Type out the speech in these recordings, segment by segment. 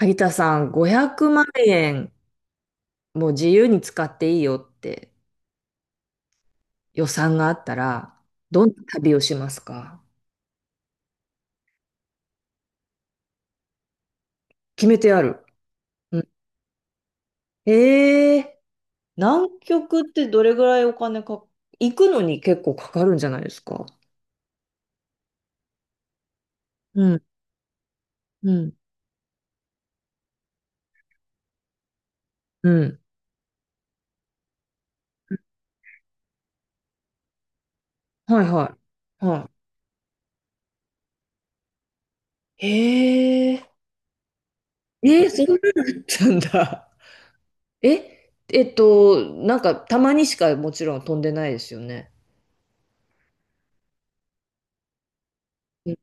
萩田さん、500万円もう自由に使っていいよって予算があったら、どんな旅をしますか？決めてある。うん。えー、南極ってどれぐらいお金か、行くのに結構かかるんじゃないですか？うん、うん、うん。はいはい。はい。えー、えー、そんなのあったんだ。なんかたまにしかもちろん飛んでないですよね。うん。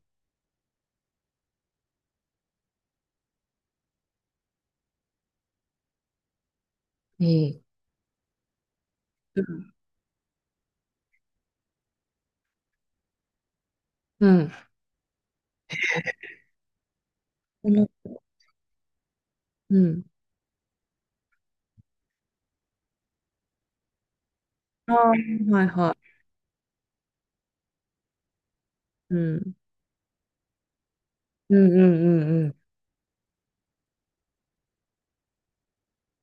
うん。うん。うん。ああ、はいはい。うん。うんうんうんうん。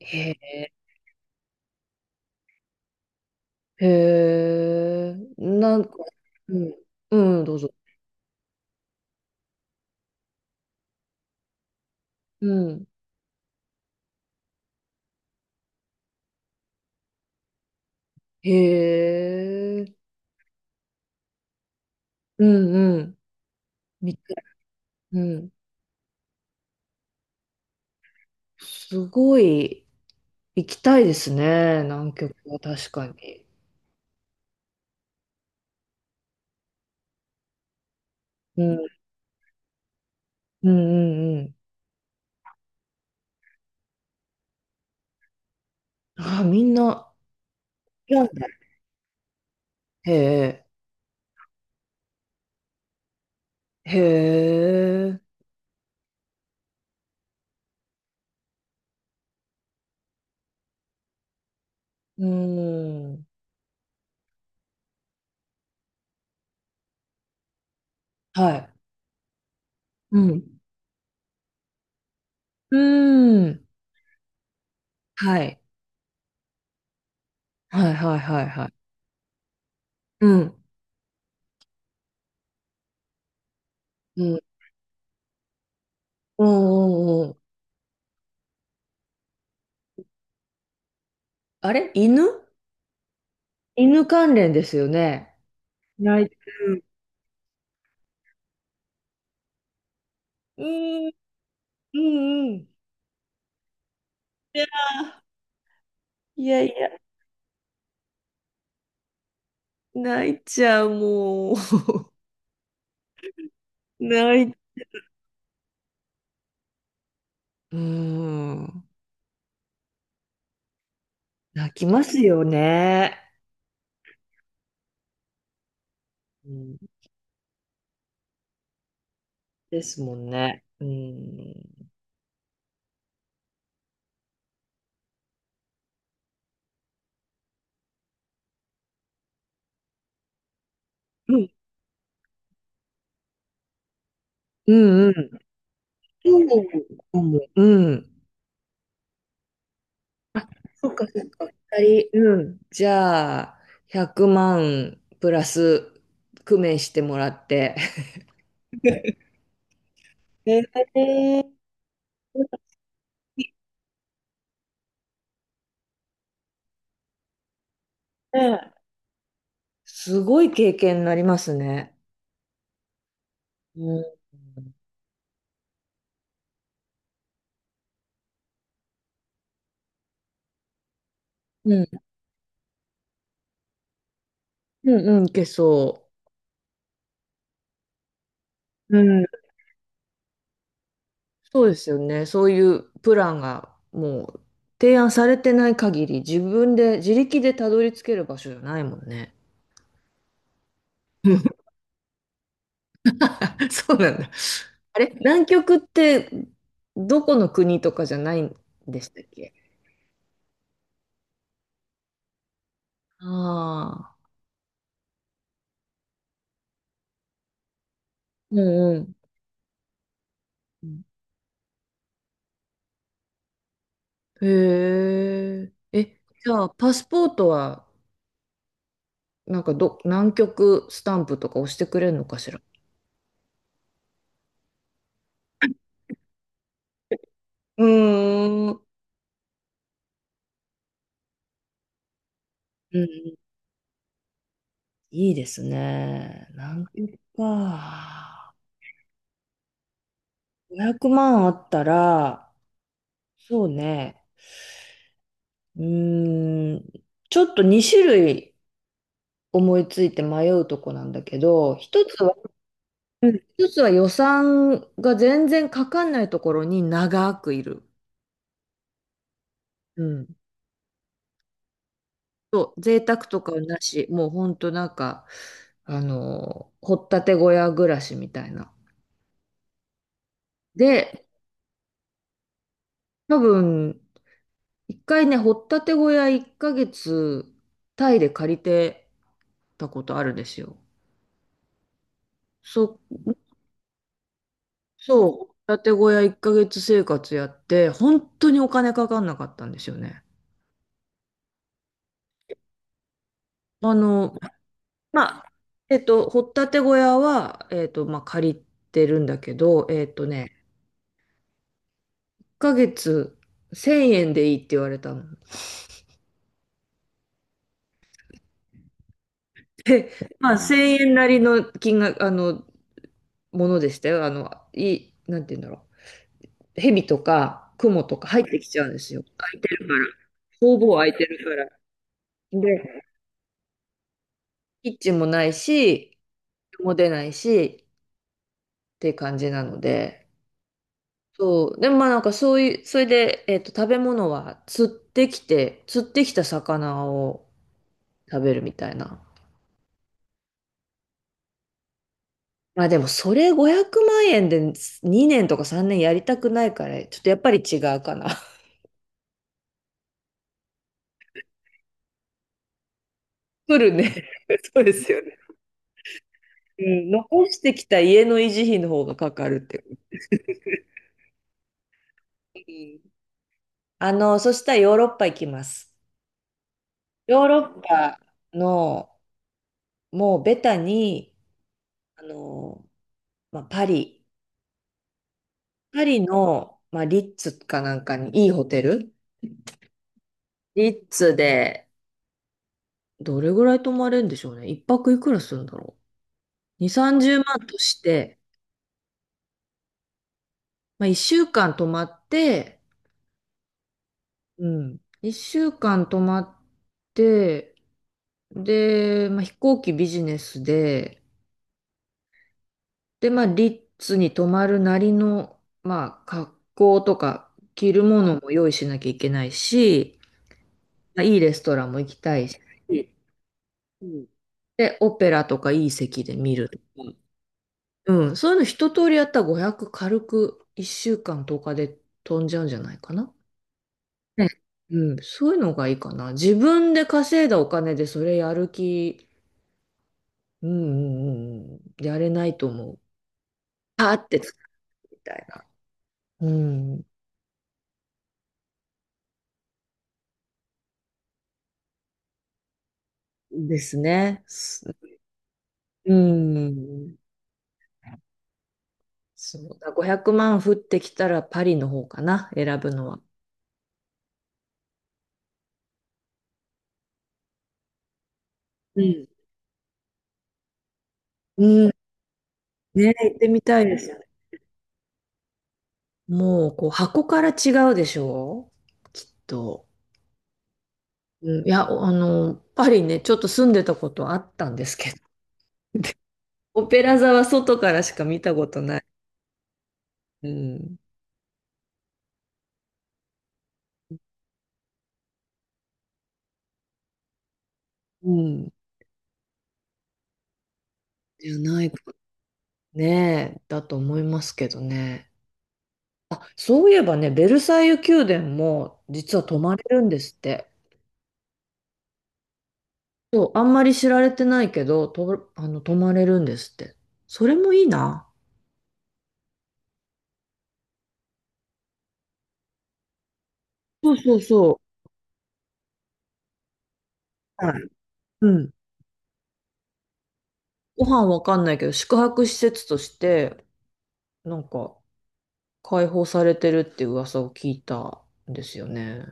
へえ。へえ、なんか、うん、うん、どうぞ。うん。へえ、うんうん。みたい。うん。すごい行きたいですね、南極は確かに。うん、うんうんうん。ああ、みんな、なんだ。へえ、へえ、うん。はい。うん。うん。はい。はいはいはいはい。うん。うん、うんうんうん。あれ、犬関連ですよね。泣いてる。うん、うんうん。いやいや、泣いちゃう、もう。泣い、うん。泣きますよね。うん、ですもんね。うん。うんうんうん。うんうん。あ、そっかそっか。二人。うん。じゃあ、100万プラス工面してもらって。ええね、すごい経験になりますね。うん。うん、うん、うん、いけそう。うん、そうですよね。そういうプランがもう提案されてない限り、自分で自力でたどり着ける場所じゃないもんね。そうなんだ。あれ、南極ってどこの国とかじゃないんでしたっけ？ああー、うんうん。へえ。え、じゃあ、パスポートはなんか、南極スタンプとか押してくれるのかしら？うーん。うん、いいですね。南極か。500万あったら、そうね。うーん、ちょっと2種類思いついて迷うとこなんだけど、一つは、うん。一つは予算が全然かかんないところに長くいる。うん。そう、贅沢とかはなし、もうほんとなんか、掘ったて小屋暮らしみたいな。で、多分、一回ね、掘ったて小屋1ヶ月、タイで借りてたことあるんですよ。そ、そう、掘ったて小屋1ヶ月生活やって、本当にお金かかんなかったんですよね。あの、まあ、掘ったて小屋は、まあ、借りてるんだけど、1ヶ月1000円でいいって言われたの。え、まあ、1000円なりの金額、ものでしたよ。なんて言うんだろう。蛇とか、クモとか入ってきちゃうんですよ。空いてるから。ほぼ空いてるから。で、キッチンもないし、人も出ないし、って感じなので。そう。でもまあなんかそういう、それで、食べ物は釣ってきて、釣ってきた魚を食べるみたいな。まあでもそれ500万円で2年とか3年やりたくないから、ちょっとやっぱり違うかな。来るね。そうですよね。うん、残してきた家の維持費の方がかかるっていう。うん。そしたらヨーロッパ行きます。ヨーロッパの、もうベタに、あの、まあ、パリの、まあ、リッツかなんかにいいホテル、リッツで、どれぐらい泊まれるんでしょうね。一泊いくらするんだろう。2、30万として、まあ、1週間泊まって、うん。1週間泊まって、で、まあ、飛行機ビジネスで、で、まあ、リッツに泊まるなりの、まあ、格好とか着るものも用意しなきゃいけないし、まあ、いいレストランも行きたいし、うん。で、オペラとかいい席で見るとか、うん、そういうの一通りやったら500軽く1週間とおかで飛んじゃうんじゃないかな。ね。うん、そういうのがいいかな。自分で稼いだお金でそれやる気、うんうんうんうん、やれないと思う。パーって使うみたいな。うん、ですね。うん。そう。だ500万降ってきたらパリの方かな、選ぶのは。うん。うん。ね、行ってみたいですよね。もう、こう、箱から違うでしょうきっと。うん、いや、パリね、ちょっと住んでたことあったんですけど。オペラ座は外からしか見たことない。うん。うん。じゃないかね。だと思いますけどね。あ、そういえばね、ベルサイユ宮殿も実は泊まれるんですって。そう、あんまり知られてないけど、と、あの、泊まれるんですって。それもいいな。そうそうそう。はい。うん。ご飯わかんないけど、宿泊施設として、なんか、開放されてるっていう噂を聞いたんですよね。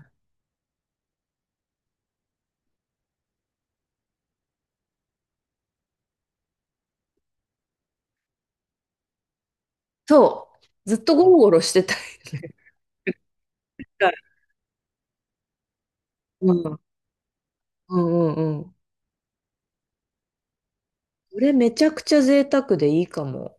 そう。ずっとゴロゴロしてたいね。うん。うんうんうん。これめちゃくちゃ贅沢でいいかも。